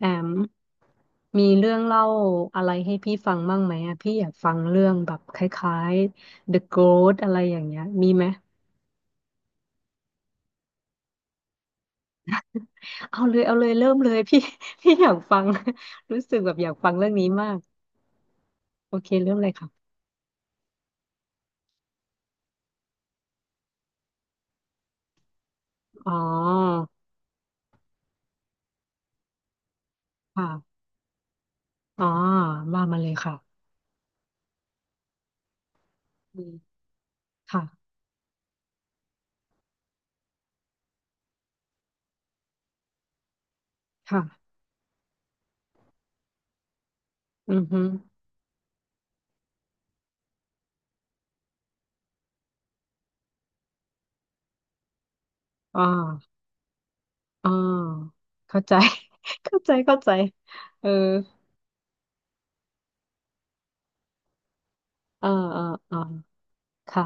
แอมมีเรื่องเล่าอะไรให้พี่ฟังบ้างไหมอะพี่อยากฟังเรื่องแบบคล้ายๆ The Ghost อะไรอย่างเงี้ยมีไหมเอาเลยเอาเลยเริ่มเลย พี่ พี่อยากฟัง รู้สึกแบบอยากฟังเรื่องนี้มากโอเคเริ่มเลยค่ะอ๋อค่ะอ๋อว่ามาเลยค่ะอืมค่ะค่ะอือฮึอ๋ออ๋อเข้าใจ เข้าใจเข้าใจเอออ่าอ่าอ่าค่ะ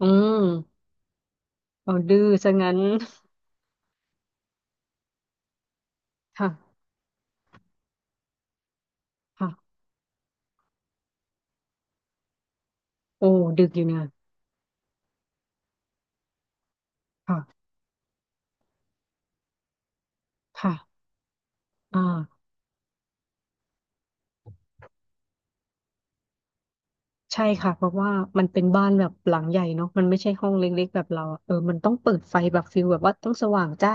อืมเอาดื้อซะงั้นค่ะ โอ้ดึกอยู่เนี่ค่ะค่ะอ่าใช่ค่ะเพราะว่ามันเป็นบ้านแบบหลังใหญ่เนาะมันไม่ใช่ห้องเล็กๆแบบเราอะเออมันต้องเปิดไฟแบบฟิลแบบว่าต้องสว่างจ้า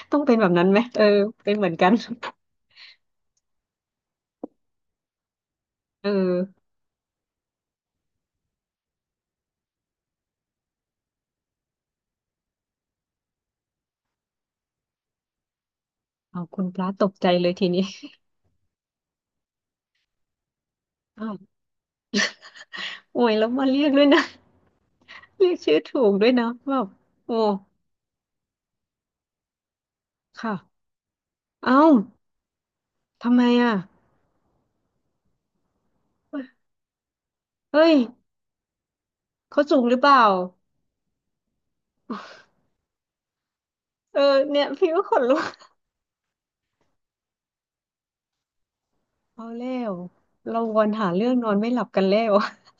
ต้องเป็นแบบนั้นไหมเออเป็นเหมือนกัน เออเอาคุณพระตกใจเลยทีนี้ อ้าวโอ้ยแล้วมาเรียกด้วยนะ เรียกชื่อถูกด้วยนะแบบโอ้ค่ะเอ้าทำไมอ่ะเฮ้ยเขาสูงหรือเปล่า เออเนี่ยพี่ก็ขนลุก เอาแล้วเราวนหาเรื่องนอนไม่หลับกันแล้ว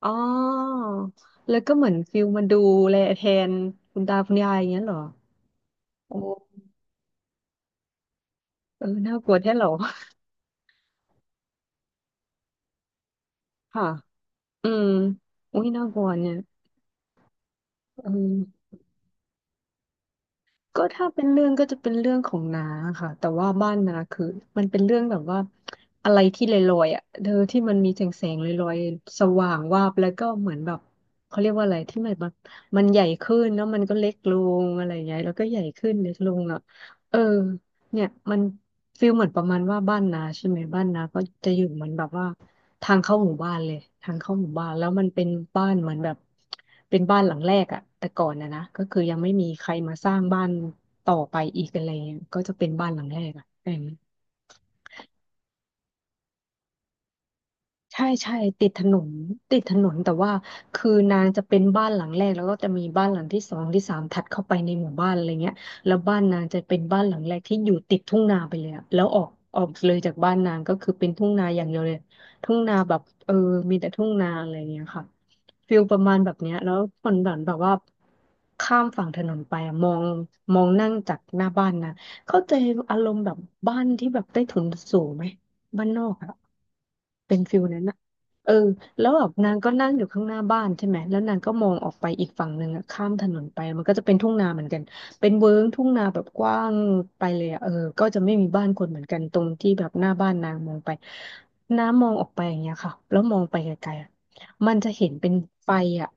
อ๋อแล้วก็เหมือนฟิลมาดูแลแทนคุณตาคุณยายอย่างเงี้ยเหรอโอ้เออน่ากลัวแท้เหรอค่ะอืมอุ้ยน่ากลัวเนี่ยอืม ก็ถ้าเป็นเรื่องก็จะเป็นเรื่องของน้าค่ะแต่ว่าบ้านน้าคือมันเป็นเรื่องแบบว่าอะไรที่ลอยๆอ่ะเธอที่มันมีแสงแสงลอยๆสว่างวาบแล้วก็เหมือนแบบเขาเรียกว่าอะไรที่มันแบบมันใหญ่ขึ้นแล้วมันก็เล็กลงอะไรอย่างเงี้ยแล้วก็ใหญ่ขึ้นเล็กลงอ่ะเออเนี่ยมันฟีลเหมือนประมาณว่าบ้านนาใช่ไหมบ้านนาก็จะอยู่เหมือนแบบว่า ทางเข้าหมู่บ้านเลยทางเข้าหมู่บ้านแล้วมันเป็นบ้านเหมือนแบบเป็นบ้านหลังแรกอะแต่ก่อนนะก็คือยังไม่มีใครมาสร้างบ้านต่อไปอีกอะไรเงี้ยก็จะเป็นบ้านหลังแรกอะ ใช่ใช่ติดถนนติดถนนแต่ว่าคือนางจะเป็นบ้านหลังแรกแล้วก็จะมีบ้านหลังที่สองที่สามถัดเข้าไปในหมู่บ้านอะไรเงี้ยแล้วบ้านนางจะเป็นบ้านหลังแรกที่อยู่ติดทุ่งนาไปเลยอะแล้วออกออกเลยจากบ้านนางก็คือเป็นทุ่งนาอย่างเดียวเลยทุ่งนาแบบเออมีแต่ทุ่งนาอะไรเงี้ยค่ะฟิลประมาณแบบเนี้ยแล้วคนแบบว่าข้ามฝั่งถนนไปอะมองมองนั่งจากหน้าบ้านนะเข้าใจอารมณ์แบบบ้านที่แบบใต้ถุนสูงไหม บ้านนอกอะเป็นฟิลนั้นอะเออแล้วแบบนางก็นั่งอยู่ข้างหน้าบ้านใช่ไหมแล้วนางก็มองออกไปอีกฝั่งหนึ่งอะข้ามถนนไปมันก็จะเป็นทุ่งนาเหมือนกันเป็นเวิ้งทุ่งนาแบบกว้างไปเลยอะเออก็จะไม่มีบ้านคนเหมือนกันตรงที่แบบหน้าบ้านนางมองไปน้ามองออกไปอย่างเงี้ยค่ะแล้วมองไปไกลๆอะมันจะเห็นเป็นไฟอะ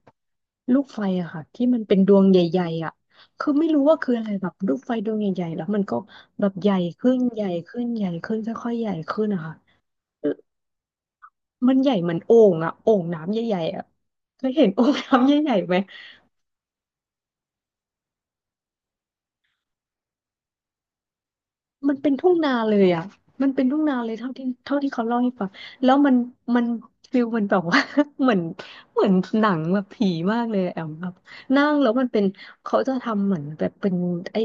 ลูกไฟอะค่ะที่มันเป็นดวงใหญ่ๆอะคือไม่รู้ว่าคืออะไรแบบลูกไฟดวงใหญ่ๆแล้วมันก็ แบบใหญ่ขึ้นใหญ่ขึ้นใหญ่ขึ้นค่อยๆใหญ่ขึ้นนะคะมันใหญ่เหมือนโอ่งอะโอ่งน้ำใหญ่ๆอะเคยเห็น โอ่งน้ำใหญ่ๆไหม มันเป็นทุ่งนาเลยอ่ะมันเป็นทุ่งนาเลยเท่าที่เขาเล่าให้ฟังแล้วมันฟิลมันแบบว่า เหมือนเหมือนหนังแบบผีมากเลยอะแอมครับนั่งแล้วมันเป็นเขาจะทำเหมือนแบบเป็นไอ้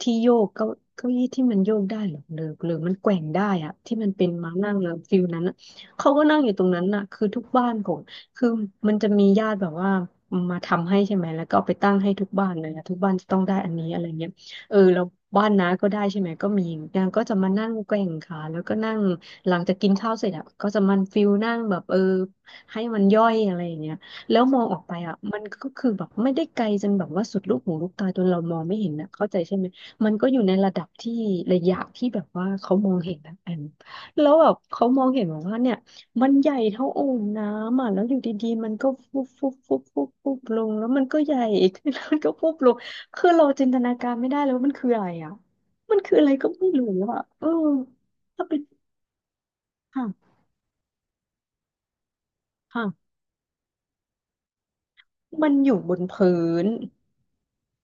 ที่โยกเก้าเก้าอี้ที่มันโยกได้เหรอหรือหรือมันแกว่งได้อ่ะที่มันเป็นม้านั่งแล้วฟิลนั้นอะเขาก็นั่งอยู่ตรงนั้นน่ะคือทุกบ้านของคือมันจะมีญาติแบบว่ามาทำให้ใช่ไหมแล้วก็เอาไปตั้งให้ทุกบ้านเลยอะทุกบ้านจะต้องได้อันนี้อะไรเงี้ย เออแล้วบ้านน้าก็ได้ใช่ไหมก็มีนางก็จะมานั่งแกว่งขาแล้วก็นั่งหลังจากกินข้าวเสร็จอ่ะก็จะมันฟิลนั่งแบบเออให้มันย่อยอะไรอย่างเงี้ยแล้วมองออกไปอ่ะมันก็คือแบบไม่ได้ไกลจนแบบว่าสุดลูกหูลูกตาจนเรามองไม่เห็นนะเข้าใจใช่ไหมมันก็อยู่ในระดับที่ระยะที่แบบว่าเขามองเห็นนะแอมแล้วแบบเขามองเห็นแบบว่าเนี่ยมันใหญ่เท่าโอ่งน้ำอ่ะแล้วอยู่ดีๆมันก็ฟุบฟุบฟุบฟุบฟุบลงแล้วมันก็ใหญ่ ขึ้นแล้วมันก็ฟุบลง คือเราจินตนาการไม่ได้เลยว่ามันคืออะไรอ่ะ มันคืออะไรก็ไม่รู้อ่ะเออถ้าไปค่ะค่ะ มันอยู่บนพื้น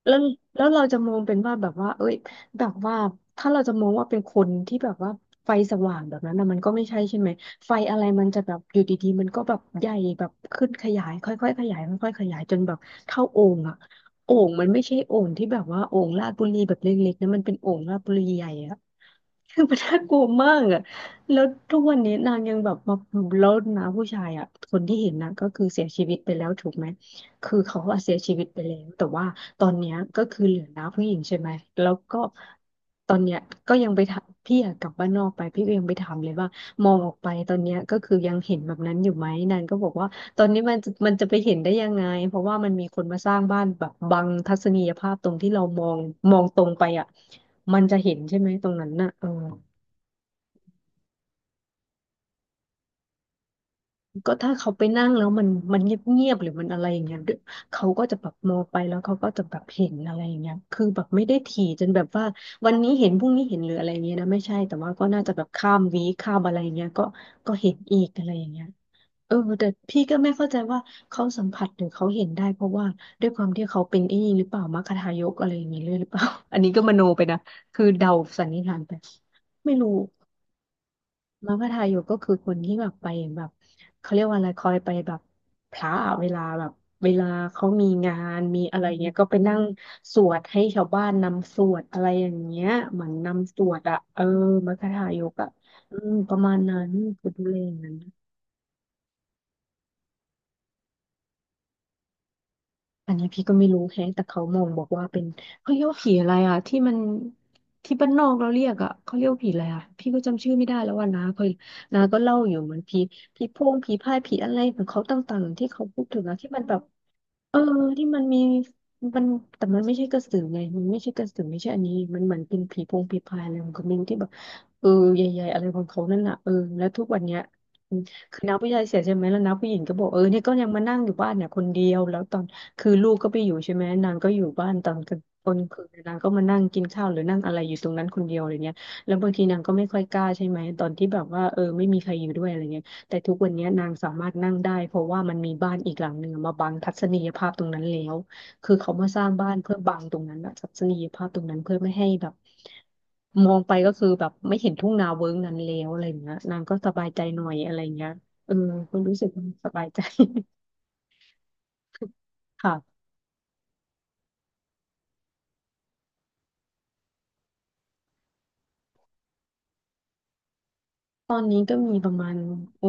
แล้วแล้วเราจะมองเป็นว่าแบบว่าเอ้ยแบบว่าถ้าเราจะมองว่าเป็นคนที่แบบว่าไฟสว่างแบบนั้นนะมันก็ไม่ใช่ใช่ไหมไฟอะไรมันจะแบบอยู่ดีๆมันก็แบบใหญ่แบบขึ้นขยายค่อยๆขยายค่อยๆขยายจนแบบเท่าโอ่งอะโอ่งมันไม่ใช่โอ่งที่แบบว่าโอ่งลาดบุรีแบบเล็กๆนะมันเป็นโอ่งลาดบุรีใหญ่อะ คือมันน่ากลัวมากอะแล้วทุกวันนี้นางยังแบบมาแล้วนะผู้ชายอะคนที่เห็นนะก็คือเสียชีวิตไปแล้วถูกไหม คือเขาว่าเสียชีวิตไปแล้วแต่ว่าตอนเนี้ยก็คือเหลือน้าผู้หญิงใช่ไหมแล้วก็ตอนเนี้ยก็ยังไปถามพี่อะกลับบ้านนอกไปพี่ก็ยังไปถามเลยว่ามองออกไปตอนเนี้ยก็คือยังเห็นแบบนั้นอยู่ไหมนางก็บอกว่าตอนนี้มันจะไปเห็นได้ยังไงเพราะว่ามันมีคนมาสร้างบ้านแบบบังทัศนียภาพตรงที่เรามองมองตรงไปอ่ะมันจะเห็นใช่ไหมตรงนั้นน่ะเออ ก็ถ้าเขาไปนั่งแล้วมันเงียบๆหรือมันอะไรอย่างเงี้ยเดี๋ยวเขาก็จะแบบมองไปแล้วเขาก็จะแบบเห็นอะไรอย่างเงี้ยคือแบบไม่ได้ถี่จนแบบว่าวันนี้เห็นพรุ่งนี้เห็นหรืออะไรอย่างเงี้ยนะไม่ใช่แต่ว่าก็น่าจะแบบข้ามวีคข้ามอะไรอย่างเงี้ยก็เห็นอีกอะไรอย่างเงี้ยเออแต่พี่ก็ไม่เข้าใจว่าเขาสัมผัสหรือเขาเห็นได้เพราะว่าด้วยความที่เขาเป็นไอ้นี่หรือเปล่ามัคคทายกอะไรอย่างเงี้ยเลยหรือเปล่า อันนี้ก็มโนไปนะคือเดาสันนิษฐานไปไม่รู้ มัคคทายกก็คือคนที่แบบไปแบบเขาเรียกว่าอะไรคอยไปแบบพระอะเวลาแบบเวลาเขามีงานมีอะไรเงี้ยก็ไปนั่งสวดให้ชาวบ้านนำสวดอะไรอย่างเงี้ยเหมือนนำสวดอะเออมัคคทายกอะอืมประมาณนั้นคือดูแลอย่างนั้น อันนี้พี่ก็ไม่รู้แฮะแต่เขามองบอกว่าเป็นเขาเรียกว่าผีอะไรอ่ะที่มันที่บ้านนอกเราเรียกอ่ะเขาเรียกว่าผีอะไรอ่ะพี่ก็จำชื่อไม่ได้แล้วว่านาเขานาก็เล่าอยู่เหมือนผีผีโพงผีพายผีอะไรของเขาต่างๆที่เขาพูดถึงอะที่มันแบบ เออที่มันมีมันแต่มันไม่ใช่กระสือไงมันไม่ใช่กระสือไม่ใช่อันนี้มันเหมือนเป็นผีโพงผีพายอะไรของเขาไม่รู้ที่แบบเออใหญ่ๆอะไรของเขานั่นน่ะเออแล้วทุกวันเนี้ยอืมคือน้าผู้ชายเสียใช่ไหมแล้วน้าผู้หญิงก็บอกเออเนี่ยก็ยังมานั่งอยู่บ้านเนี่ยคนเดียวแล้วตอนคือลูกก็ไปอยู่ใช่ไหมนางก็อยู่บ้านตอนกลางตอนคืนนางก็มานั่งกินข้าวหรือนั่งอะไรอยู่ตรงนั้นคนเดียวอะไรเงี้ยแล้วบางทีนางก็ไม่ค่อยกล้าใช่ไหมตอนที่แบบว่าเออไม่มีใครอยู่ด้วยอะไรเงี้ย แต่ทุกวันนี้นางสามารถนั่งได้เพราะว่ามันมีบ้านอีกหลังหนึ่งมาบังทัศนียภาพตรงนั้นแล้วคือเขามาสร้างบ้านเพื่อบังตรงนั้นอะทัศนียภาพตรงนั้นเพื่อไม่ให้แบบมองไปก็คือแบบไม่เห็นทุ่งนาเวิ้งนั้นแล้วอะไรอย่างเงี้ยนางก็สบายใจหน่อยอะไรอย่างเงี้ยเออก็รู้สึกมันสบายใจ ค่ะตอนนี้ก็มีประมาณโอ้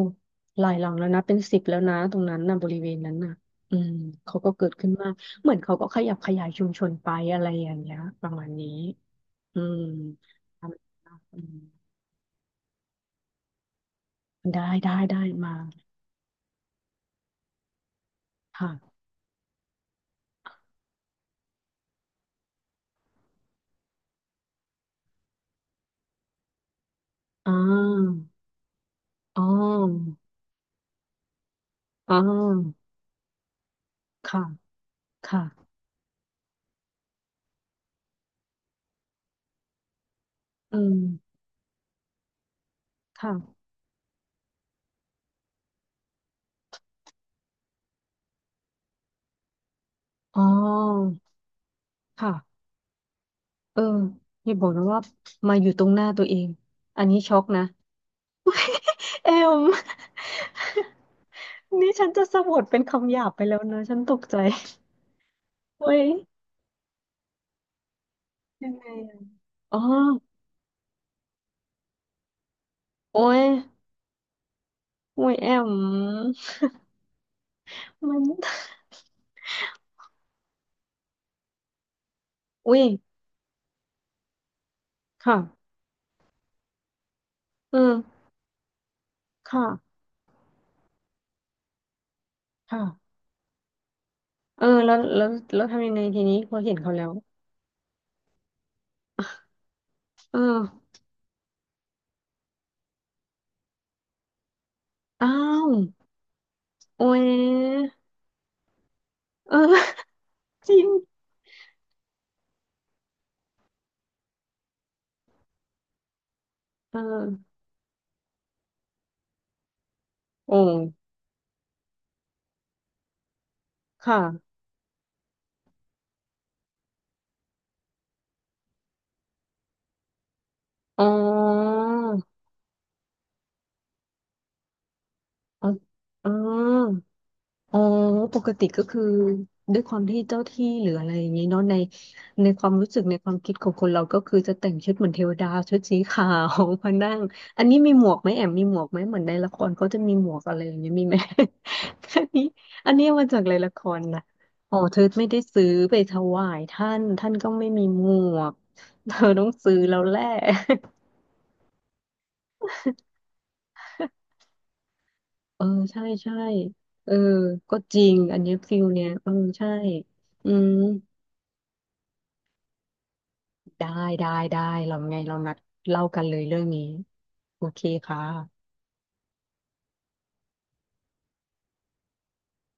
หลายหลังแล้วนะเป็นสิบแล้วนะตรงนั้นนะบริเวณนั้นน่ะอืมเขาก็เกิดขึ้นมากเหมือนเขาก็ขยับขยายชุมชนไปอะไรอย่างเงี้ยประมาณนี้ อืมทำอืมได้มาค่ะอ่าอ๋ออ๋อค่ะค่ะอืมค่ะอ๋อค่ะเอออย่าบอกนะว่ามาอยู่ตรงหน้าตัวเองอันนี้ช็อกนะ เอม นี่ฉันจะสะบัดเป็นคำหยาบไปแล้วนะฉันตกใจเฮ้ยยังไงอะอ๋อโอ้ยโอ้ยแอมมันอุ้ยค่ะเอืมค่ะค่ะ เออแล้วทำยังไงทีนี้พอเห็นเขาแล้วเอออ้าวโอ้ยเออ จริงเออโอ้ค่ะอ๋ออ๋ออ๋อ เออปกติก็คือด้วยความที่เจ้าที่หรืออะไรอย่างนี้เนาะในความรู้สึกในความคิดของคนเราก็คือจะแต่งชุดเหมือนเทวดาชุดสีขาวมานั่งอันนี้มีหมวกไหมแอมมีหมวกไหมเหมือนในละครเขาจะมีหมวกอะไรอย่างเงี้ยมีไหม อันนี้อันนี้เอามาจากในละครนะอ๋อเธอไม่ได้ซื้อไปถวายท่านท่านก็ไม่มีหมวกเธอต้องซื้อแล้วแหละ เออใช่ใช่เออก็จริงอันเนี้ยฟิลเนี้ยเออใช่อืม ได้ได้เราไงเรานัดเล่ากันเลยเรื่องนี้โอเคค่ะ